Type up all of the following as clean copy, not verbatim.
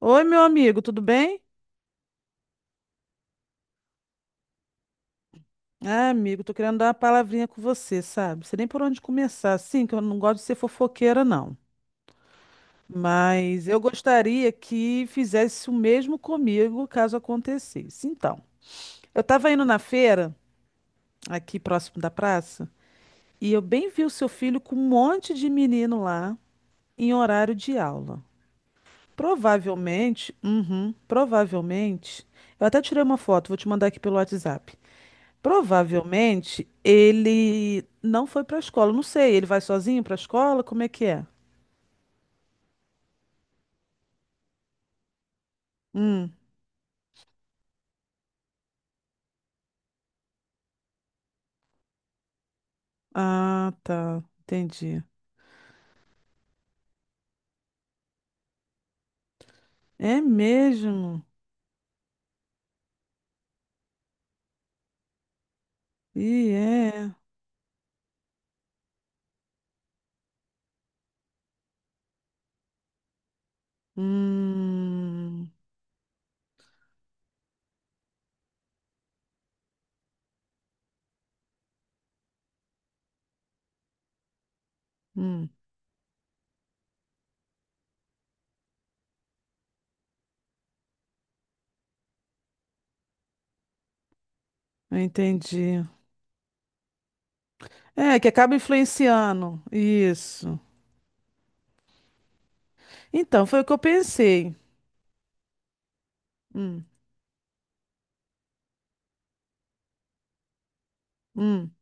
Oi, meu amigo, tudo bem? Ah, amigo, tô querendo dar uma palavrinha com você, sabe? Não sei nem por onde começar, assim, que eu não gosto de ser fofoqueira, não. Mas eu gostaria que fizesse o mesmo comigo, caso acontecesse. Então, eu tava indo na feira, aqui próximo da praça, e eu bem vi o seu filho com um monte de menino lá, em horário de aula. Provavelmente, eu até tirei uma foto, vou te mandar aqui pelo WhatsApp. Provavelmente ele não foi para a escola. Não sei, ele vai sozinho para a escola? Como é que é? Hum. Ah, tá. Entendi. É mesmo? E é. Hum. Hum. Entendi. É, que acaba influenciando. Isso. Então, foi o que eu pensei. Hum. Hum.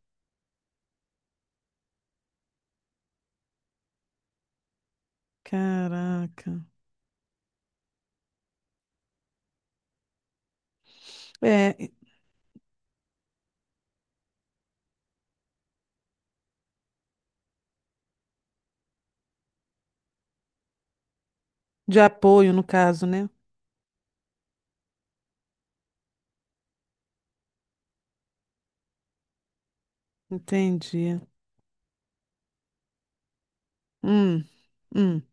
Caraca. É, de apoio, no caso, né? Entendi. Hum. Hum.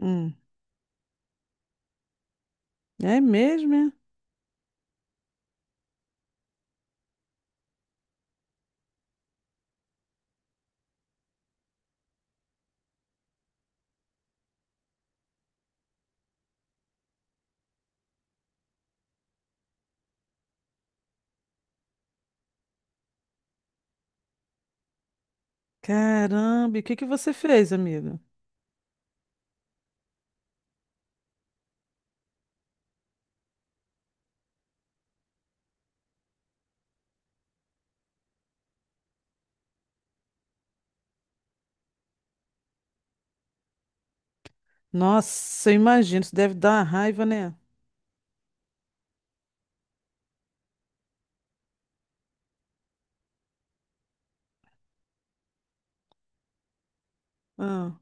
Hum. É mesmo, é? Caramba, e o que que você fez, amiga? Nossa, eu imagino, isso deve dar uma raiva, né? Ah,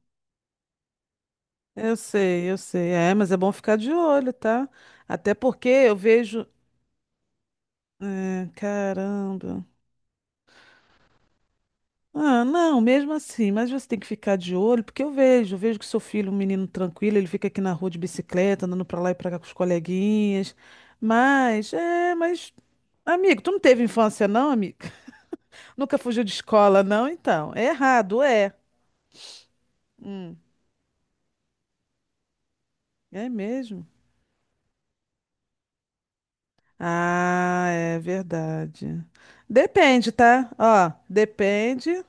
eu sei, eu sei. É, mas é bom ficar de olho, tá? Até porque eu vejo. É, caramba. Ah, não, mesmo assim, mas você tem que ficar de olho, porque eu vejo que seu filho, é um menino tranquilo, ele fica aqui na rua de bicicleta, andando pra lá e pra cá com os coleguinhas. Mas, é, mas. Amigo, tu não teve infância, não, amigo? Nunca fugiu de escola, não? Então, é errado, é. Hum. É mesmo? Ah, é verdade. Depende, tá? Ó, depende.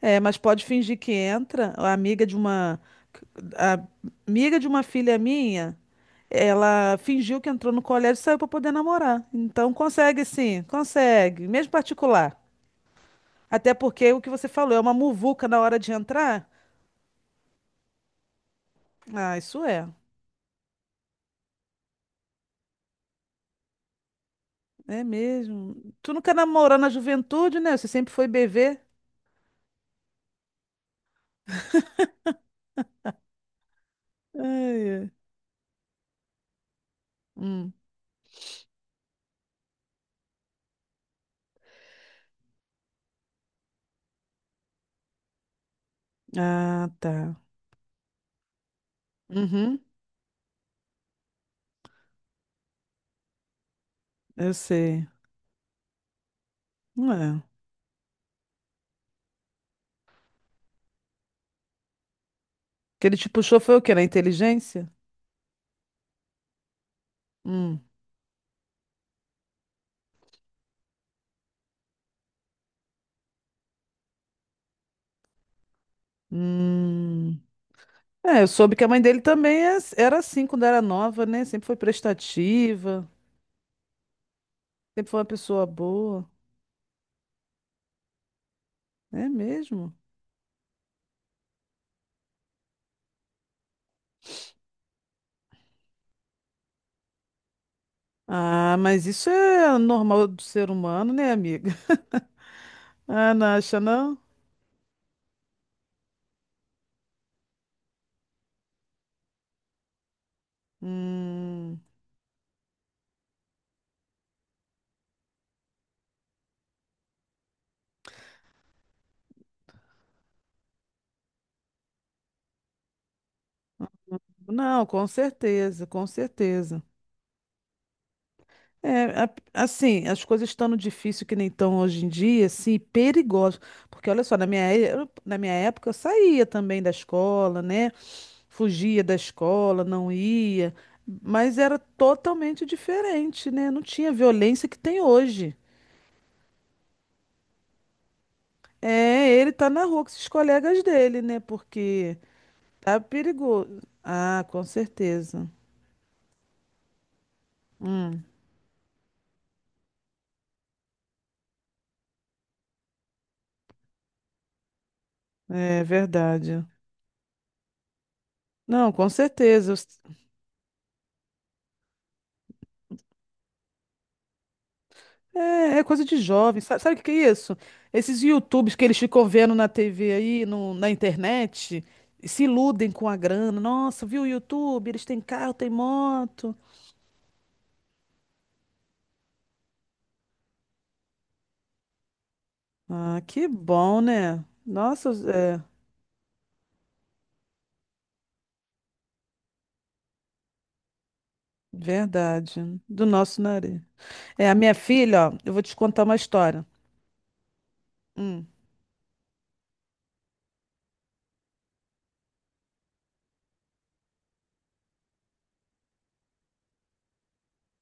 É, mas pode fingir que entra. A amiga de uma filha minha, ela fingiu que entrou no colégio e saiu para poder namorar. Então consegue sim, consegue, mesmo particular. Até porque o que você falou é uma muvuca na hora de entrar. Ah, isso é. É mesmo. Tu nunca namorou na juventude, né? Você sempre foi bebê. Ai, ai. Hum. Ah, tá. Uhum. Eu sei. Não é. Que ele te puxou foi o quê? Na inteligência? Hum. Hum. É, eu soube que a mãe dele também era assim quando era nova, né? Sempre foi prestativa, sempre foi uma pessoa boa. É mesmo? Ah, mas isso é normal do ser humano, né, amiga? Ah, não acha, não? Hum. Não, com certeza, com certeza. É, assim, as coisas estando difícil que nem estão hoje em dia, assim, perigoso. Porque olha só, na minha época eu saía também da escola, né? Fugia da escola, não ia, mas era totalmente diferente, né? Não tinha violência que tem hoje. É, ele tá na rua com esses colegas dele, né? Porque tá perigoso. Ah, com certeza. Hum, é verdade. Não, com certeza. É, é coisa de jovem. Sabe, o que que é isso? Esses YouTubes que eles ficam vendo na TV aí, na internet, e se iludem com a grana. Nossa, viu o YouTube? Eles têm carro, têm moto. Ah, que bom, né? Nossa, é verdade. Do nosso nariz. É, a minha filha, ó, eu vou te contar uma história. Hum,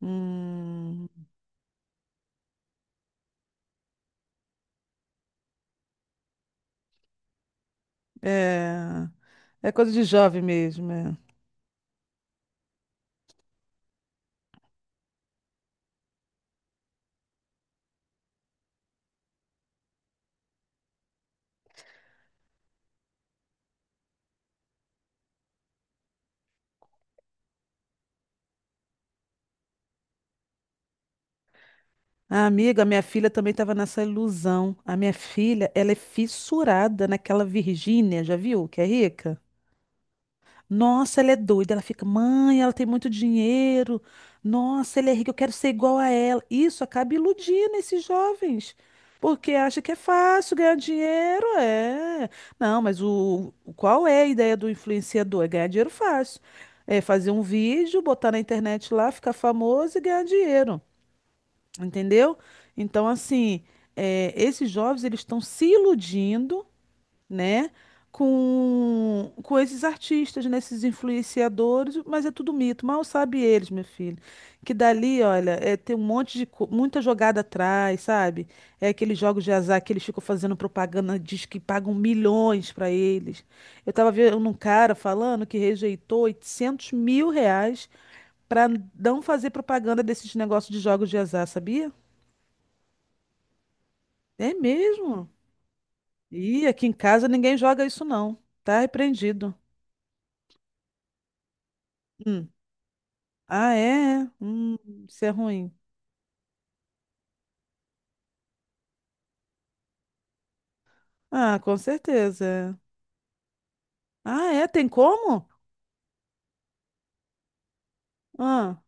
hum, é, é coisa de jovem mesmo. É. A amiga, minha filha também estava nessa ilusão. A minha filha, ela é fissurada naquela Virgínia, já viu? Que é rica. Nossa, ela é doida. Ela fica, mãe, ela tem muito dinheiro. Nossa, ele é rico, eu quero ser igual a ela. Isso acaba iludindo esses jovens, porque acha que é fácil ganhar dinheiro. É. Não, mas qual é a ideia do influenciador? É ganhar dinheiro fácil. É fazer um vídeo, botar na internet lá, ficar famoso e ganhar dinheiro. Entendeu? Então, assim, esses jovens eles estão se iludindo, né, com esses artistas, né, esses influenciadores, mas é tudo mito. Mal sabe eles, meu filho, que dali, olha, é, tem um monte de muita jogada atrás, sabe? É aqueles jogos de azar que eles ficam fazendo propaganda, diz que pagam milhões para eles. Eu tava vendo um cara falando que rejeitou R$ 800 mil para não fazer propaganda desses negócios de jogos de azar, sabia? É mesmo? Ih, aqui em casa ninguém joga isso não. Tá repreendido. Hum. Ah, é? É? Isso é ruim. Ah, com certeza. É. Ah, é? Tem como? Ah,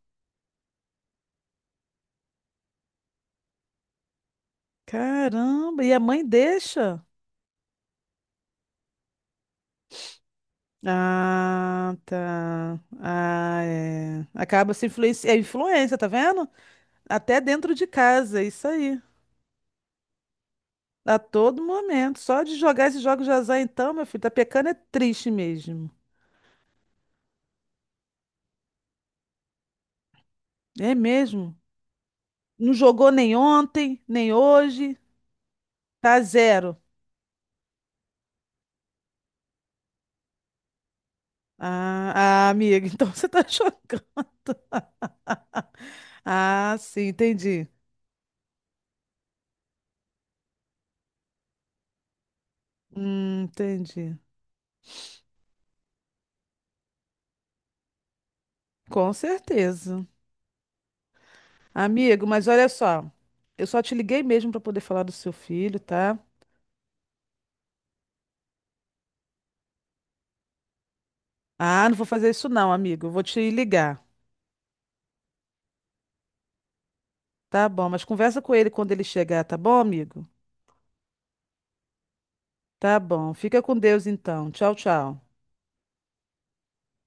caramba. E a mãe deixa? Ah, tá. Ah, é. Acaba se influencia. É influência, tá vendo? Até dentro de casa, é isso aí. A todo momento. Só de jogar esses jogos de azar, então, meu filho, tá pecando é triste mesmo. É mesmo? Não jogou nem ontem, nem hoje. Tá zero. Ah, ah, amiga, então você tá jogando. Ah, sim, entendi. Entendi. Com certeza. Amigo, mas olha só. Eu só te liguei mesmo para poder falar do seu filho, tá? Ah, não vou fazer isso não, amigo. Eu vou te ligar. Tá bom, mas conversa com ele quando ele chegar, tá bom, amigo? Tá bom. Fica com Deus então. Tchau, tchau.